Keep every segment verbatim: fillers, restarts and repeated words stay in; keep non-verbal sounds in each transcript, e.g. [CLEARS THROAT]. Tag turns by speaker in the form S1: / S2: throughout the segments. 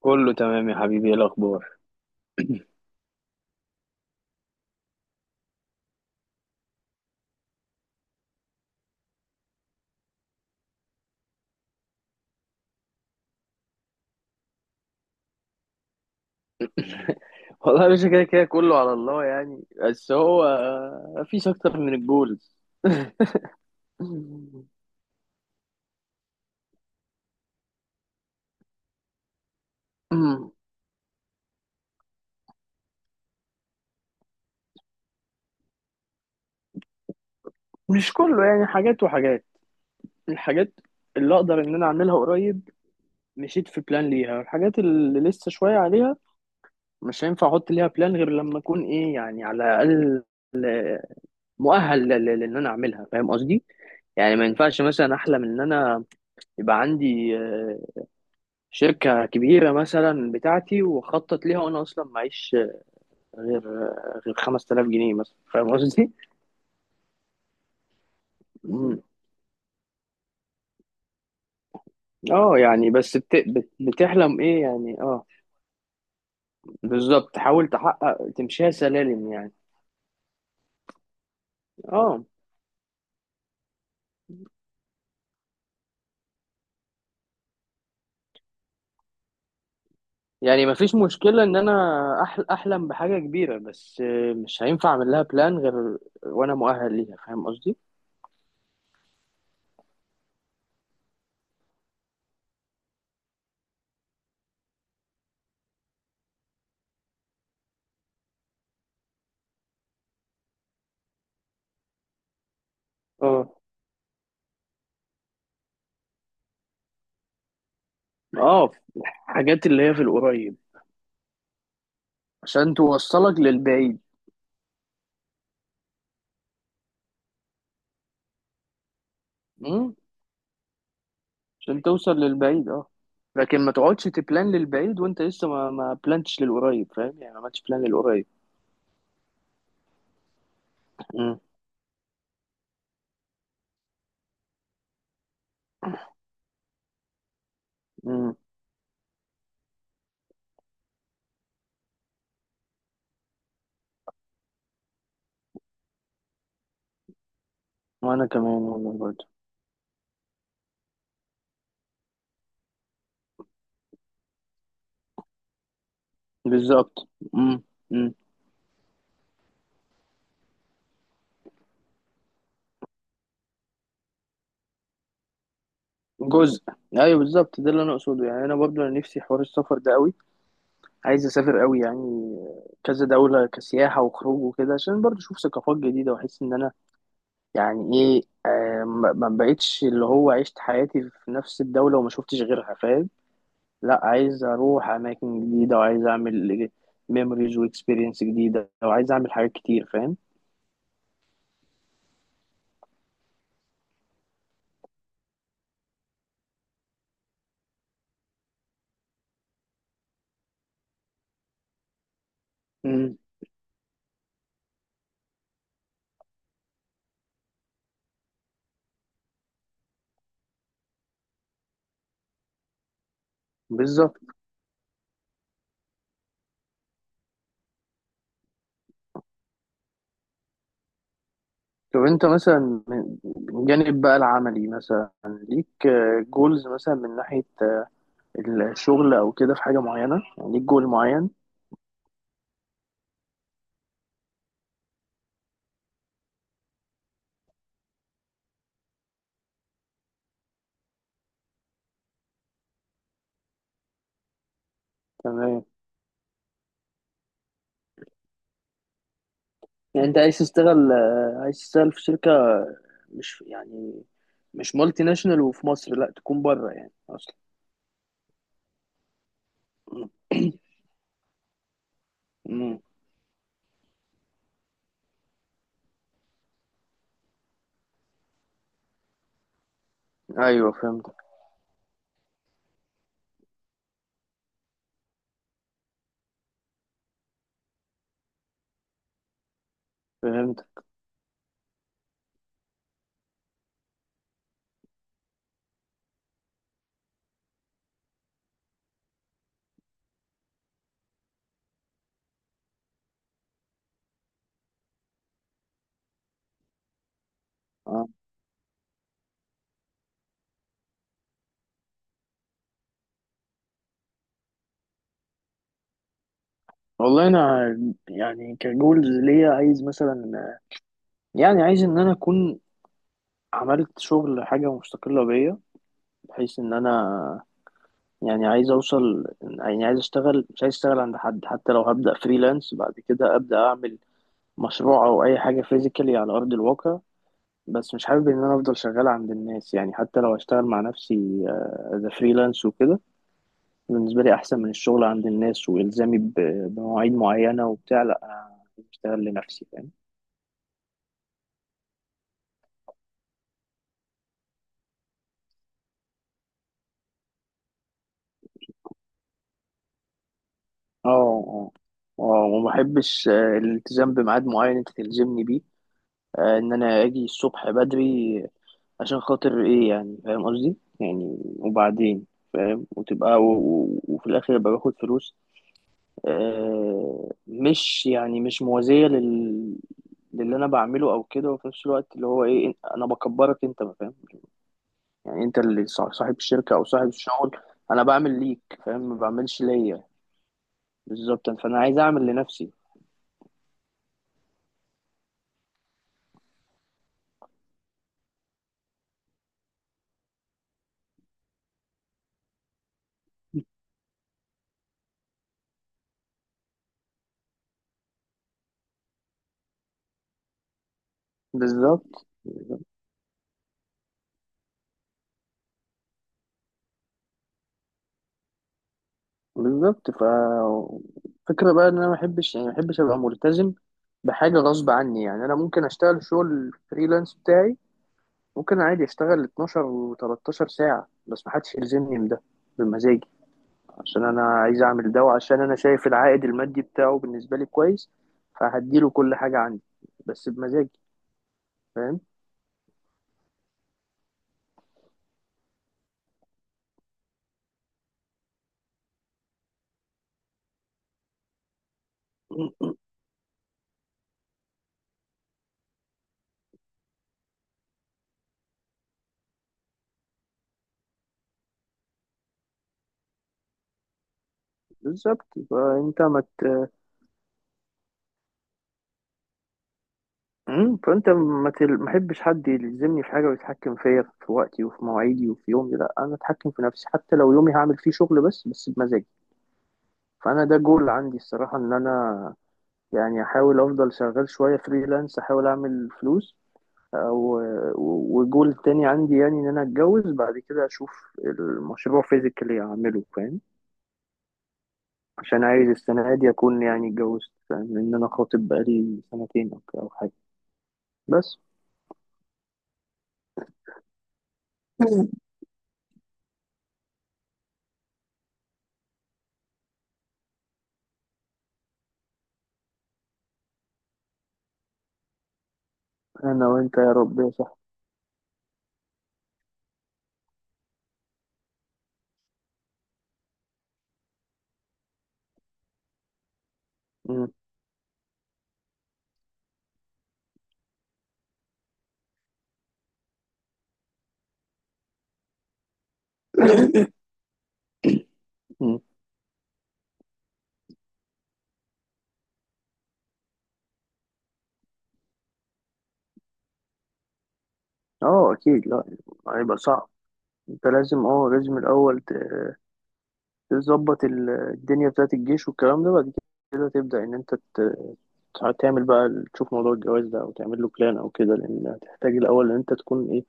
S1: كله تمام يا حبيبي، ايه الاخبار؟ والله يا باشا كده كده كله على الله يعني، بس هو مفيش اكتر من الجولز. [LAUGHS] مش كله يعني، حاجات وحاجات. الحاجات اللي اقدر ان انا اعملها قريب مشيت في بلان ليها، والحاجات اللي لسه شويه عليها مش هينفع احط ليها بلان غير لما اكون ايه يعني، على الاقل مؤهل ل- ل- لان انا اعملها، فاهم قصدي؟ يعني ما ينفعش مثلا احلم ان انا يبقى عندي شركة كبيرة مثلا بتاعتي وخطط ليها، وأنا أصلا معيش غير غير خمس تلاف جنيه مثلا، فاهم قصدي؟ مم. اه يعني بس بت... بت... بتحلم ايه يعني، اه. بالظبط، تحاول تحقق تمشيها سلالم يعني. اه، يعني مفيش مشكلة ان انا أحل... احلم بحاجة كبيرة، بس آه، مش هينفع اعمل لها بلان غير وانا مؤهل ليها، فاهم قصدي؟ اه اه. حاجات اللي هي في القريب عشان توصلك للبعيد. عشان توصل للبعيد اه. لكن ما تقعدش تبلان للبعيد وانت لسه ما ما بلانتش للقريب، فاهم يعني؟ ما عملتش بلان للقريب. امم. امم. وانا كمان والله برضه. بالظبط. امم. امم. جزء. ايوه بالظبط، ده اللي انا اقصده. يعني انا برضه انا نفسي حوار السفر ده قوي، عايز اسافر قوي يعني، كذا دولة كسياحة وخروج وكده، عشان برضه اشوف ثقافات جديدة، واحس ان انا يعني ايه آه ما ما بقتش اللي هو عشت حياتي في نفس الدولة وما شفتش غيرها، فاهم؟ لا، عايز اروح اماكن جديده، وعايز اعمل ميموريز واكسبيرينس جديده، وعايز اعمل حاجات كتير، فاهم؟ امم. بالظبط. طب انت مثلا من من جانب بقى العملي مثلا ليك جولز مثلا من ناحيه الشغل او كده، في حاجه معينه يعني ليك جول معين؟ تمام، يعني انت عايز تشتغل آه، عايز تشتغل في شركه، مش يعني مش مالتي ناشونال، وفي مصر لا، تكون بره يعني اصلا. [CLEARS THROAT] امم. ايوه فهمت. فهمت. والله انا يعني كجولز ليا عايز مثلا، يعني عايز ان انا اكون عملت شغل حاجه مستقله بيا، بحيث ان انا يعني عايز اوصل، يعني عايز اشتغل مش عايز اشتغل عند حد، حتى لو هبدا فريلانس بعد كده ابدا اعمل مشروع او اي حاجه فيزيكالي على ارض الواقع. بس مش حابب ان انا افضل شغال عند الناس، يعني حتى لو هشتغل مع نفسي ذا فريلانس وكده، بالنسبه لي احسن من الشغل عند الناس والزامي ب- بمواعيد معينه وبتاع. لا، أنا عايز اشتغل لنفسي. اه اه اه. وما بحبش آه، الالتزام بميعاد معين انت تلزمني بيه، آه، ان انا اجي الصبح بدري عشان خاطر ايه يعني، فاهم قصدي؟ يعني وبعدين فاهم، وتبقى و... و... وفي الاخر ابقى باخد فلوس آه، مش يعني مش موازية لل للي انا بعمله او كده، وفي نفس الوقت اللي هو ايه انا بكبرك انت، ما فاهم يعني انت اللي صاح- صاحب الشركة او صاحب الشغل. انا بعمل ليك، فاهم، ما بعملش ليا. بالظبط. فانا عايز اعمل لنفسي. بالظبط. بالظبط. بالظبط. ف فكرة بقى ان انا ما بحبش، يعني ما بحبش ابقى ملتزم بحاجة غصب عني، يعني انا ممكن اشتغل شغل فريلانس بتاعي، ممكن عادي اشتغل اتناشر و13 ساعة، بس ما حدش يلزمني بده، بمزاجي. عشان انا عايز اعمل ده، وعشان انا شايف العائد المادي بتاعه بالنسبة لي كويس، فهديله كل حاجة عندي، بس بمزاجي، فاهم؟ بالظبط. فانت ما ت- امم فانت ما تل- ما احبش حد يلزمني في حاجه ويتحكم فيا في وقتي وفي مواعيدي وفي يومي، لا، انا اتحكم في نفسي، حتى لو يومي هعمل فيه شغل بس بس بمزاجي. فانا ده جول عندي الصراحه، ان انا يعني احاول افضل شغال شويه فريلانس، احاول اعمل فلوس، او و- وجول تاني عندي، يعني ان انا اتجوز بعد كده اشوف المشروع فيزيكالي اعمله، فاهم؟ عشان عايز السنه دي اكون يعني اتجوزت، فاهم، لان انا خاطب بقالي سنتين او أو حاجه بس. مم. انا وانت يا رب يا صاحبي. مم. اه اكيد، لا هيبقى صعب. انت لازم اه لازم الاول ت- تظبط ال- الدنيا بتاعت الجيش والكلام ده، بعد كده تبدا ان انت ت- تعمل بقى، تشوف موضوع الجواز ده او تعمل له بلان او كده، لان هتحتاج الاول ان انت تكون ايه.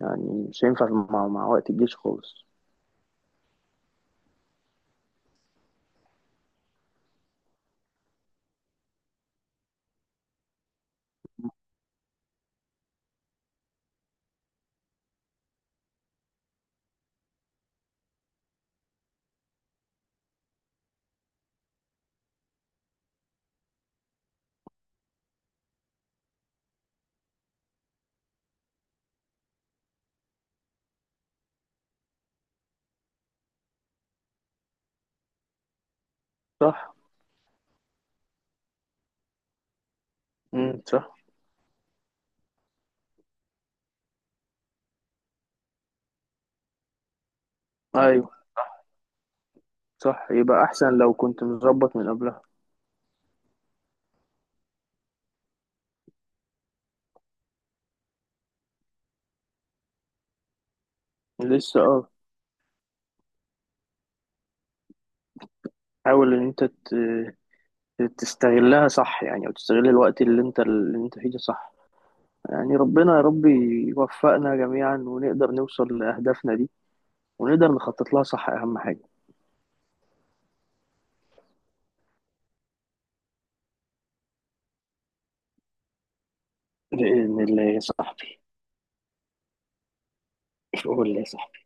S1: يعني مش هينفع مع, مع وقت الجيش خالص. صح. امم. صح. ايوه صح، يبقى احسن لو كنت مظبط من قبلها. لسه اه. حاول ان انت ت- تستغلها، صح يعني، او تستغل الوقت اللي انت اللي انت فيه ده، صح يعني. ربنا يا رب يوفقنا جميعا ونقدر نوصل لأهدافنا دي، ونقدر نخطط لها، صح، أهم حاجة. بإذن الله يا صاحبي. قول لي يا صاحبي.